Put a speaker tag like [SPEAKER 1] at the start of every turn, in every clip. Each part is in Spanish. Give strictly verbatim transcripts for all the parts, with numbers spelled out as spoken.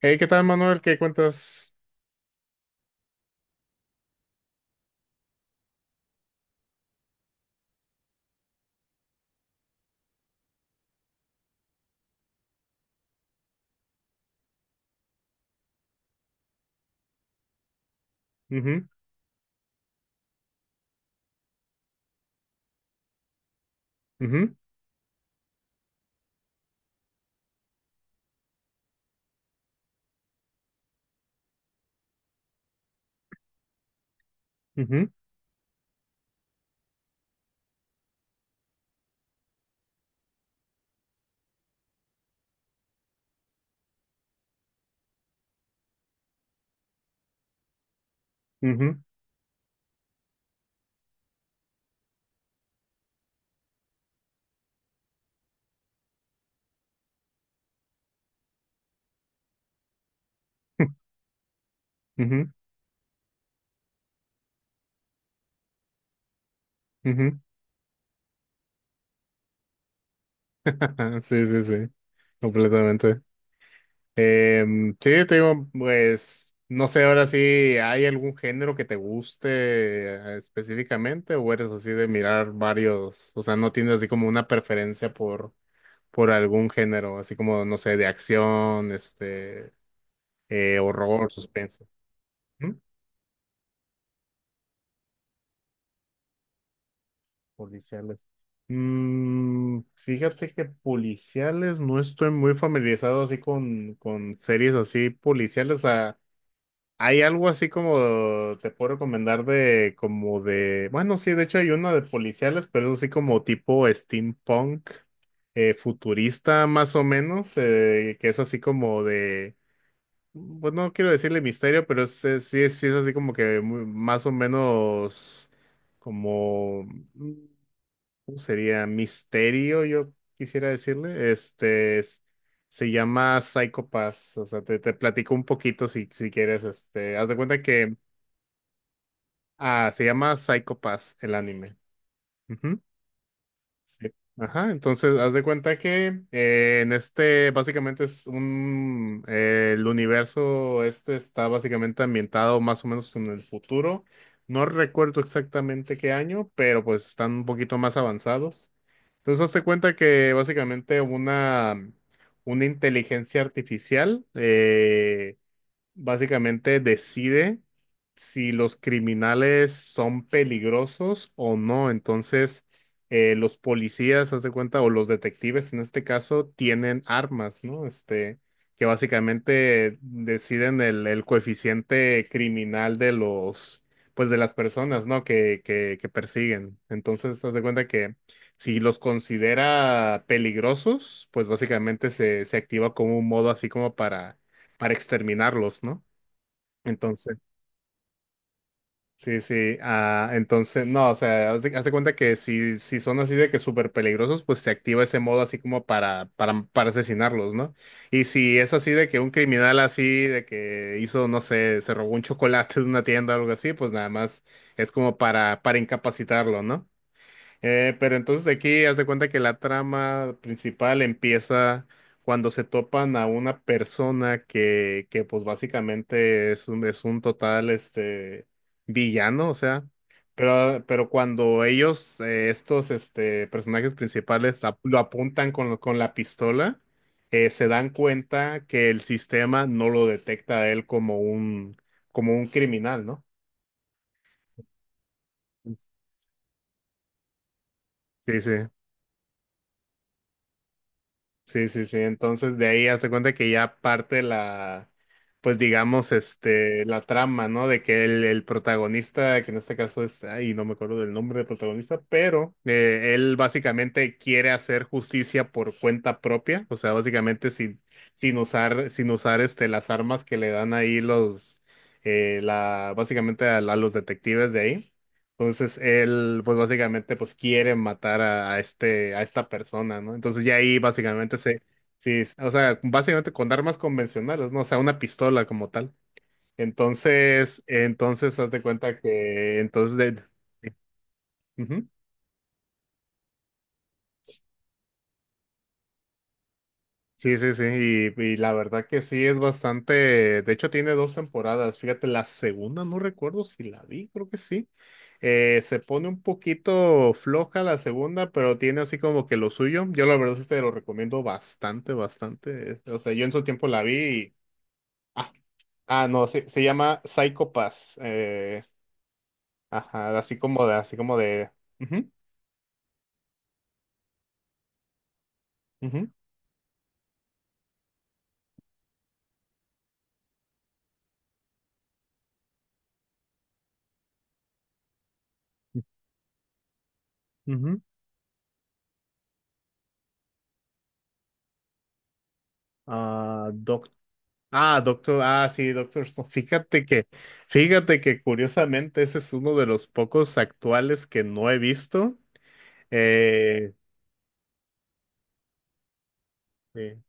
[SPEAKER 1] Hey, ¿qué tal, Manuel? ¿Qué cuentas? Ujú, ujú, ujú, ujú, ujú, ujú. Sí, sí, sí, completamente. Em, sí, te digo, pues, no sé ahora si hay algún género que te guste eh, específicamente o eres así de mirar varios, o sea, no tienes así como una preferencia por, por algún género, así como, no sé, de acción, este, eh, horror, suspenso. Policiales. Mm, fíjate que policiales no estoy muy familiarizado así con, con series así policiales. O sea, hay algo así como te puedo recomendar de como de, bueno, sí, de hecho hay una de policiales, pero es así como tipo steampunk, eh, futurista más o menos, eh, que es así como de, pues no quiero decirle misterio, pero es, es- sí, es- sí es así como que muy- más o menos como... Sería misterio, yo quisiera decirle. Este es- se llama Psycho Pass. O sea, te, te platico un poquito si, si quieres. Este, haz de cuenta que ah, se llama Psycho Pass el anime. Sí. Ajá, entonces haz de cuenta que eh, en este básicamente es un eh, el universo este está básicamente ambientado más o menos en el futuro. No recuerdo exactamente qué año, pero pues están un poquito más avanzados. Entonces haz de cuenta que básicamente una una inteligencia artificial eh, básicamente decide si los criminales son peligrosos o no. Entonces, eh, los policías, haz de cuenta, o los detectives en este caso, tienen armas, ¿no? Este, que básicamente deciden el, el coeficiente criminal de los, pues de las personas, ¿no? Que, que, que persiguen. Entonces, haz de cuenta que si los considera peligrosos, pues básicamente se, se activa como un modo así como para para exterminarlos, ¿no? Entonces, sí, sí, ah, entonces, no, o sea, haz de, haz de cuenta que si, si son así de que súper peligrosos, pues se activa ese modo así como para, para, para asesinarlos, ¿no? Y si es así de que un criminal así, de que hizo, no sé, se robó un chocolate de una tienda o algo así, pues nada más es como para, para incapacitarlo, ¿no? Eh, pero entonces aquí haz de cuenta que la trama principal empieza cuando se topan a una persona que, que pues básicamente es un, es un total este villano, o sea, pero, pero cuando ellos, eh, estos este, personajes principales ap- lo apuntan con, con la pistola, eh, se dan cuenta que el sistema no lo detecta a él como un, como un criminal, ¿no? Sí, sí. Sí, sí, sí. Entonces de ahí hazte cuenta que ya parte la, pues digamos, este, la trama, ¿no? De que el, el protagonista, que en este caso es, ay, no me acuerdo del nombre del protagonista, pero eh, él básicamente quiere hacer justicia por cuenta propia, o sea, básicamente sin, sin usar, sin usar este, las armas que le dan ahí los, eh, la, básicamente a, a los detectives de ahí. Entonces él, pues básicamente, pues quiere matar a, a este, a esta persona, ¿no? Entonces ya ahí básicamente se, sí, es- o sea, básicamente con armas convencionales, ¿no? O sea, una pistola como tal. Entonces, entonces haz de cuenta que, entonces, de, sí, sí, sí, y, y la verdad que sí es bastante, de hecho tiene dos temporadas, fíjate, la segunda no recuerdo si la vi, creo que sí. Eh, se pone un poquito floja la segunda, pero tiene así como que lo suyo, yo la verdad sí te lo recomiendo bastante, bastante. Es- o sea, yo en su tiempo la vi y, ah, ah, no, se, se llama Psycho Pass, eh, ajá, así como de, así como de, ujú, ujú, ujú. Ah, Ah, Doctor, ah, sí, Doctor Stone. Fíjate que, fíjate que curiosamente ese es uno de los pocos actuales que no he visto. Eh, sí,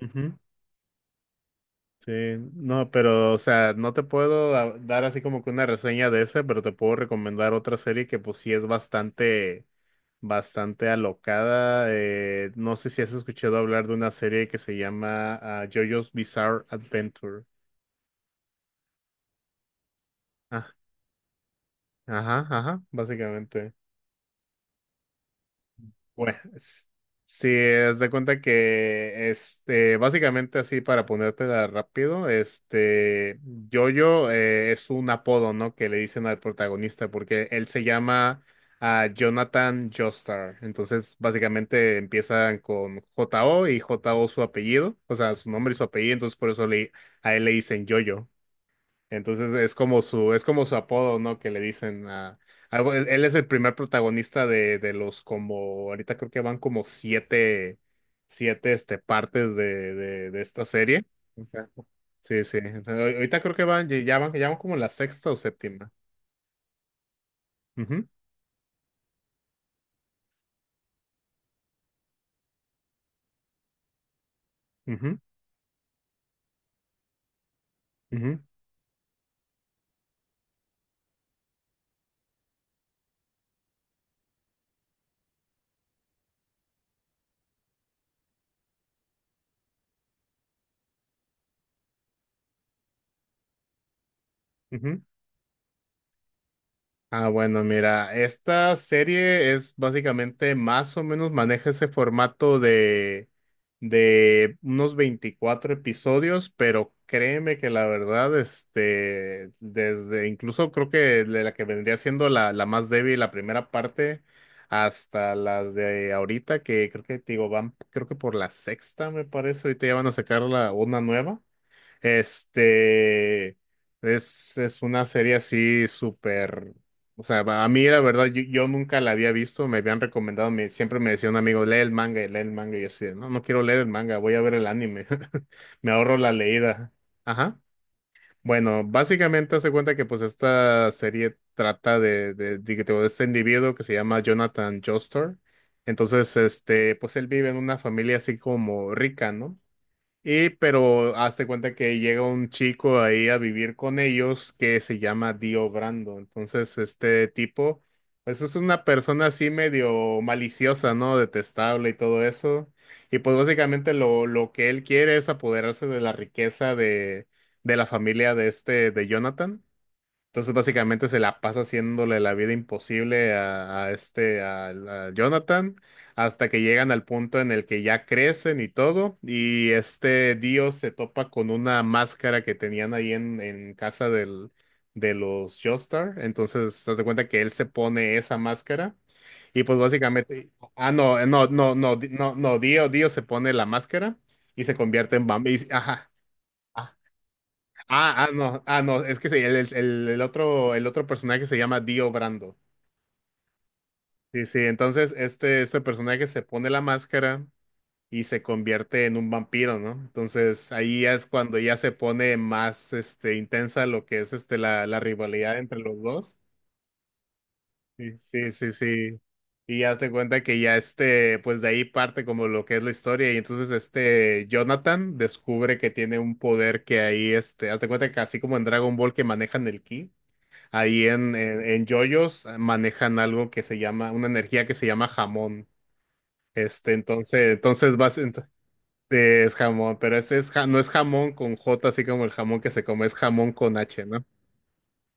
[SPEAKER 1] ujú, sí, no, pero, o sea, no te puedo da- dar así como que una reseña de ese, pero te puedo recomendar otra serie que pues sí es bastante, bastante alocada. Eh, no sé si has escuchado hablar de una serie que se llama ah, JoJo's Bizarre Adventure. Ah, ajá, ajá, básicamente. Bueno, es- si es de cuenta que este, básicamente así para ponértela rápido, este, Jojo eh, es un apodo, ¿no? Que le dicen al protagonista porque él se llama ah, Jonathan Joestar. Entonces, básicamente empiezan con J O y J O su apellido, o sea, su nombre y su apellido, entonces por eso le, a él le dicen Jojo. Entonces es como su, es como su apodo, ¿no? Que le dicen a, a- pues, él es el primer protagonista de, de los como, ahorita creo que van como siete, siete este, partes de, de, de esta serie. Exacto. Sí, sí. Entonces, ahorita creo que van, ya van, ya van como la sexta o séptima. Ujú, ujú, ujú, ujú. Ah, bueno, mira, esta serie es básicamente más o menos maneja ese formato de, de unos veinticuatro episodios, pero créeme que la verdad, este, desde incluso creo que de la que vendría siendo la, la más débil, la primera parte, hasta las de ahorita, que creo que, te digo, van, creo que por la sexta, me parece, ahorita ya van a sacar la, una nueva. Este es, es una serie así súper. O sea, a mí la verdad, yo, yo nunca la había visto, me habían recomendado, me, siempre me decía un amigo, lee el manga, y lee el manga, y yo decía, no, no quiero leer el manga, voy a ver el anime, me ahorro la leída. Ajá. Bueno, básicamente hace cuenta que pues esta serie trata de, de, de, de este individuo que se llama Jonathan Joestar. Entonces, este, pues él vive en una familia así como rica, ¿no? Y pero hazte cuenta que llega un chico ahí a vivir con ellos que se llama Dio Brando. Entonces, este tipo, pues es una persona así medio maliciosa, ¿no? Detestable y todo eso. Y pues básicamente lo, lo que él quiere es apoderarse de la riqueza de, de la familia de este, de Jonathan. Entonces básicamente se la pasa haciéndole la vida imposible a, a este, al- a, Jonathan, hasta que llegan al punto en el que ya crecen y todo, y este Dio se topa con una máscara que tenían ahí en, en casa del, de los Joestar, entonces se de cuenta que él se pone esa máscara, y pues básicamente, ah, no, eh, no, no, no, di- no, no, Dio, Dio se pone la máscara y se convierte en vampiro, ajá. Ah, ah, no, ah, no, es que sí, el, el- el- el otro, el otro personaje se llama Dio Brando. Sí, sí, entonces este, este personaje se pone la máscara y se convierte en un vampiro, ¿no? Entonces ahí ya es cuando ya se pone más este, intensa lo que es este, la, la rivalidad entre los dos. Sí, sí, sí, sí. Y ya se cuenta que ya este, pues de ahí parte como lo que es la historia. Y entonces este Jonathan descubre que tiene un poder que ahí, este, haz de cuenta que así como en Dragon Ball que manejan el ki. Ahí en, en, en JoJo's manejan algo que se llama, una energía que se llama jamón. Este, entonces, entonces vas, ento- es jamón, pero ese es, ja- no es jamón con J, así como el jamón que se come, es jamón con H, ¿no?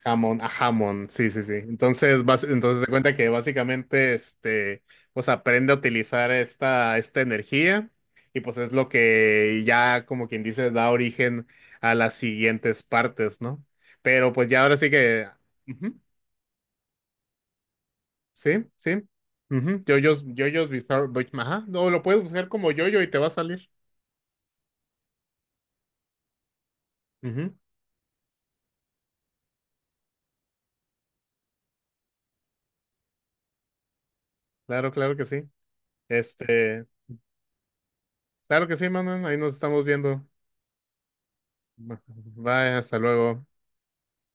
[SPEAKER 1] Jamón, a jamón, sí, sí, sí. Entonces, vas, entonces te cuenta que básicamente, este, pues aprende a utilizar esta, esta energía y pues es lo que ya, como quien dice, da origen a las siguientes partes, ¿no? Pero pues ya ahora sí que... Ujú. Sí, sí. Ujú. Yoyos, yoyos Bizarre Boy- Ajá. No, lo puedes buscar como yoyo y te va a salir. Ujú. Claro, claro que sí. Este, claro que sí, Manuel. Ahí nos estamos viendo. Bye, hasta luego.